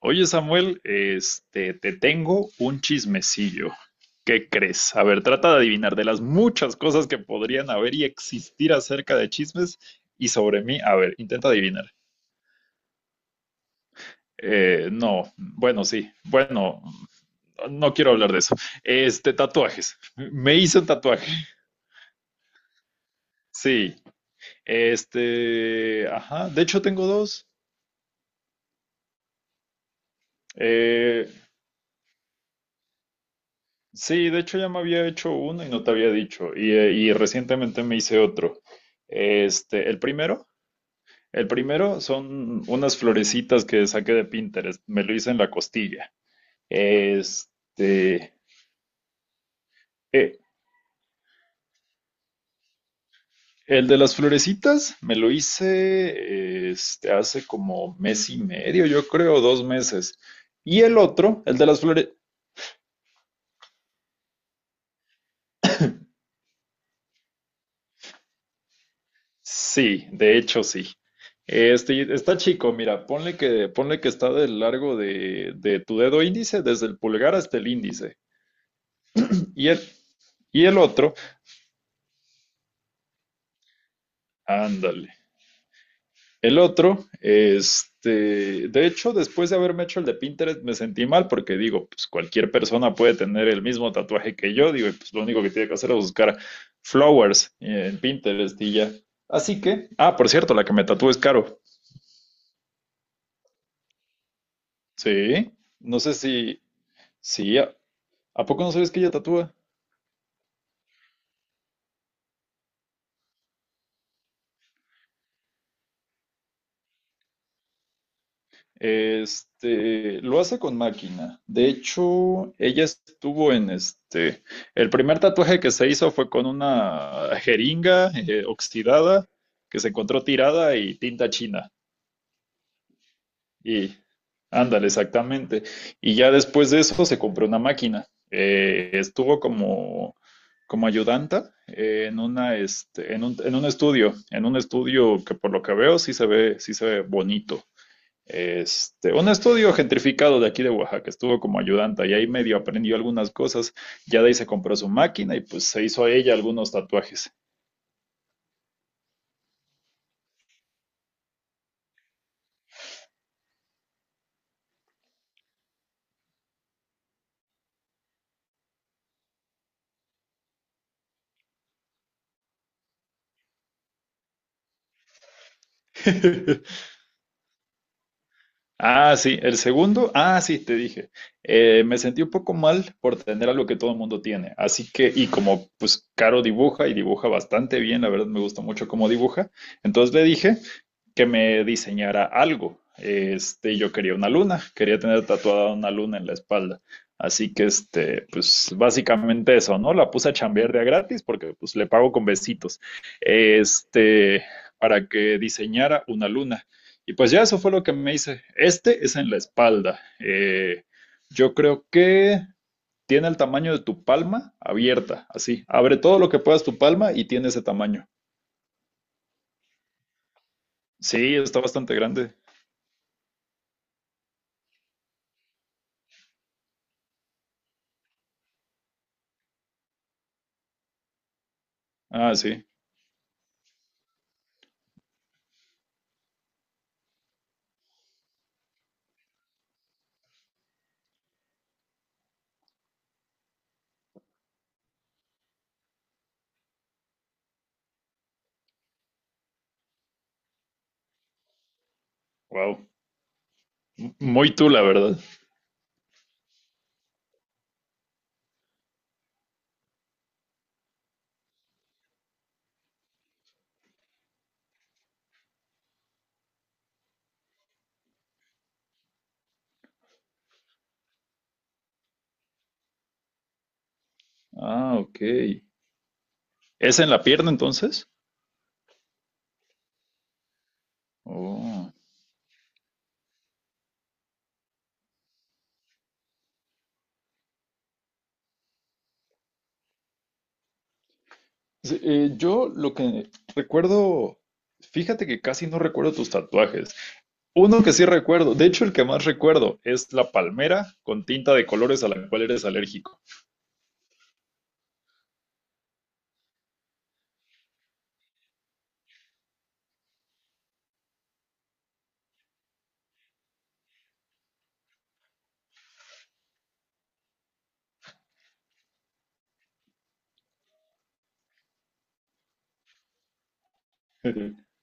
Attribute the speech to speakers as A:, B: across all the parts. A: Oye, Samuel, te tengo un chismecillo. ¿Qué crees? A ver, trata de adivinar de las muchas cosas que podrían haber y existir acerca de chismes y sobre mí. A ver, intenta adivinar. No, bueno, sí, bueno, no quiero hablar de eso. Tatuajes. Me hice un tatuaje. Sí, ajá, de hecho tengo dos. Eh, Sí, de hecho ya me había hecho uno y no te había dicho. Y recientemente me hice otro. Este, el primero, el primero son unas florecitas que saqué de Pinterest. Me lo hice en la costilla. Este, eh, el de las florecitas me lo hice hace como mes y medio, yo creo, dos meses. Y el otro, el de las flores, sí, de hecho sí. Está chico, mira, ponle que está del largo de tu dedo índice, desde el pulgar hasta el índice. Y el, y el otro, ándale. El otro, de hecho, después de haberme hecho el de Pinterest, me sentí mal porque digo, pues cualquier persona puede tener el mismo tatuaje que yo, digo, y pues lo único que tiene que hacer es buscar flowers en Pinterest y ya. Así que, ah, por cierto, la que me tatúa es Caro. Sí, no sé si, sí. ¿A poco no sabes que ella tatúa? Lo hace con máquina. De hecho, ella estuvo en el primer tatuaje que se hizo fue con una jeringa oxidada que se encontró tirada y tinta china. Y ándale, exactamente. Y ya después de eso se compró una máquina. Estuvo como, como ayudanta en una, en un estudio que por lo que veo sí se ve bonito. Un estudio gentrificado de aquí de Oaxaca, estuvo como ayudante y ahí medio aprendió algunas cosas, ya de ahí se compró su máquina y pues se hizo a ella algunos tatuajes. Ah, sí, el segundo, ah, sí, te dije, me sentí un poco mal por tener algo que todo el mundo tiene, así que, y como pues Caro dibuja y dibuja bastante bien, la verdad me gusta mucho cómo dibuja, entonces le dije que me diseñara algo, yo quería una luna, quería tener tatuada una luna en la espalda, así que, pues básicamente eso, ¿no? La puse a chambear de a gratis porque pues le pago con besitos, este, para que diseñara una luna. Y pues ya eso fue lo que me hice. Este es en la espalda. Yo creo que tiene el tamaño de tu palma abierta, así. Abre todo lo que puedas tu palma y tiene ese tamaño. Sí, está bastante grande. Ah, sí. Wow. M- Muy tú, la verdad. Ah, ok. ¿Es en la pierna entonces? Oh. Sí, yo lo que recuerdo, fíjate que casi no recuerdo tus tatuajes. Uno que sí recuerdo, de hecho el que más recuerdo es la palmera con tinta de colores a la cual eres alérgico.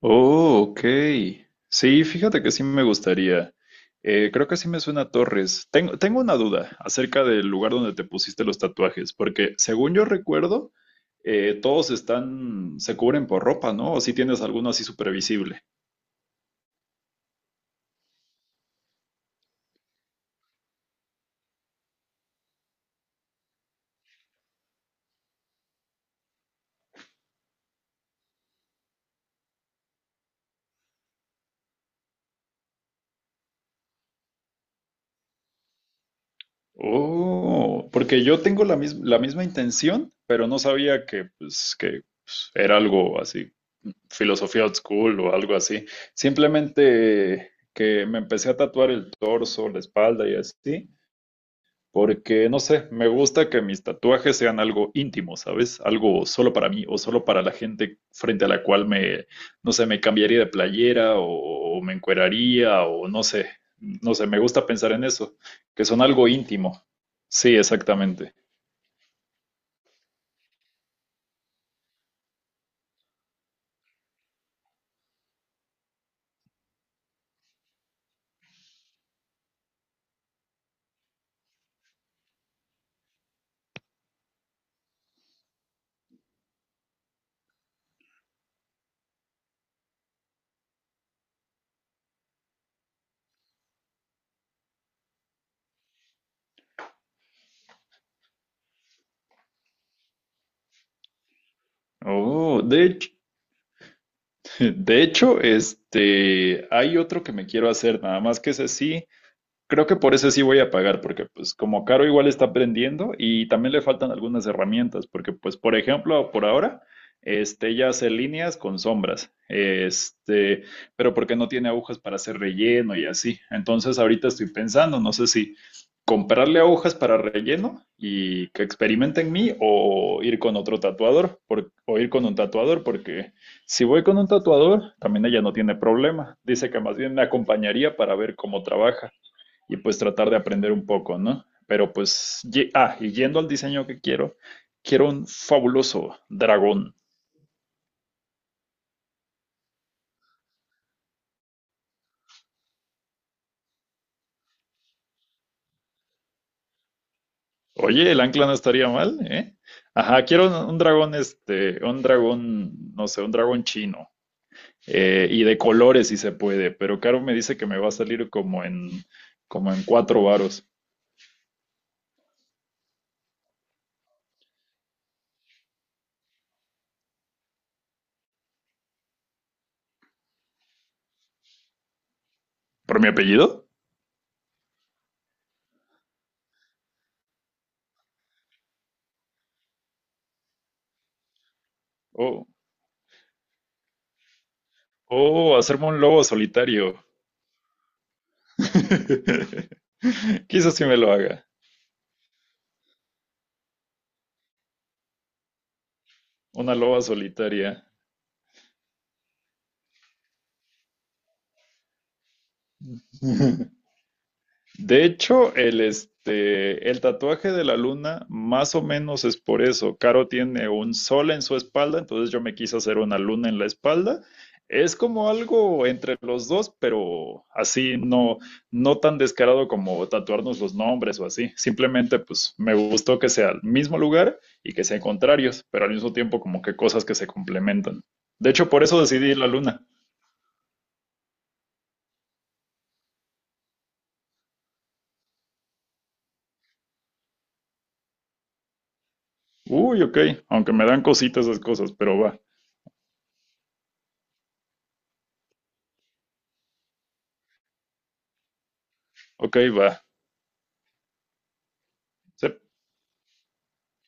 A: Oh, ok. Sí, fíjate que sí me gustaría. Creo que sí me suena a Torres. Tengo una duda acerca del lugar donde te pusiste los tatuajes, porque según yo recuerdo, todos están, se cubren por ropa, ¿no? O si tienes alguno así supervisible. Oh, porque yo tengo la, mis- la misma intención, pero no sabía que pues, era algo así filosofía old school o algo así. Simplemente que me empecé a tatuar el torso, la espalda y así, porque no sé, me gusta que mis tatuajes sean algo íntimo, ¿sabes? Algo solo para mí o solo para la gente frente a la cual me, no sé, me cambiaría de playera o me encueraría o no sé, no sé, me gusta pensar en eso, que son algo íntimo. Sí, exactamente. Oh, de hecho, de hecho, hay otro que me quiero hacer, nada más que ese sí, creo que por ese sí voy a pagar, porque pues como Caro igual está aprendiendo y también le faltan algunas herramientas, porque pues por ejemplo, por ahora, ella hace líneas con sombras, pero porque no tiene agujas para hacer relleno y así. Entonces ahorita estoy pensando, no sé si comprarle agujas para relleno y que experimente en mí o ir con otro tatuador, por- o ir con un tatuador, porque si voy con un tatuador, también ella no tiene problema. Dice que más bien me acompañaría para ver cómo trabaja y pues tratar de aprender un poco, ¿no? Pero pues, ye- ah, y yendo al diseño que quiero, quiero un fabuloso dragón. Oye, el ancla no estaría mal, ¿eh? Ajá, quiero un dragón, un dragón, no sé, un dragón chino. Y de colores si se puede, pero Caro me dice que me va a salir como en cuatro varos. ¿Por mi apellido? Oh, oh, hacerme un lobo solitario. Quizás sí me lo haga. Una loba solitaria. De hecho, el tatuaje de la luna más o menos es por eso. Caro tiene un sol en su espalda, entonces yo me quise hacer una luna en la espalda. Es como algo entre los dos, pero así no, no tan descarado como tatuarnos los nombres o así. Simplemente pues me gustó que sea el mismo lugar y que sean contrarios, pero al mismo tiempo como que cosas que se complementan. De hecho, por eso decidí la luna. Uy, ok, aunque me dan cositas esas cosas, pero va. Ok, va.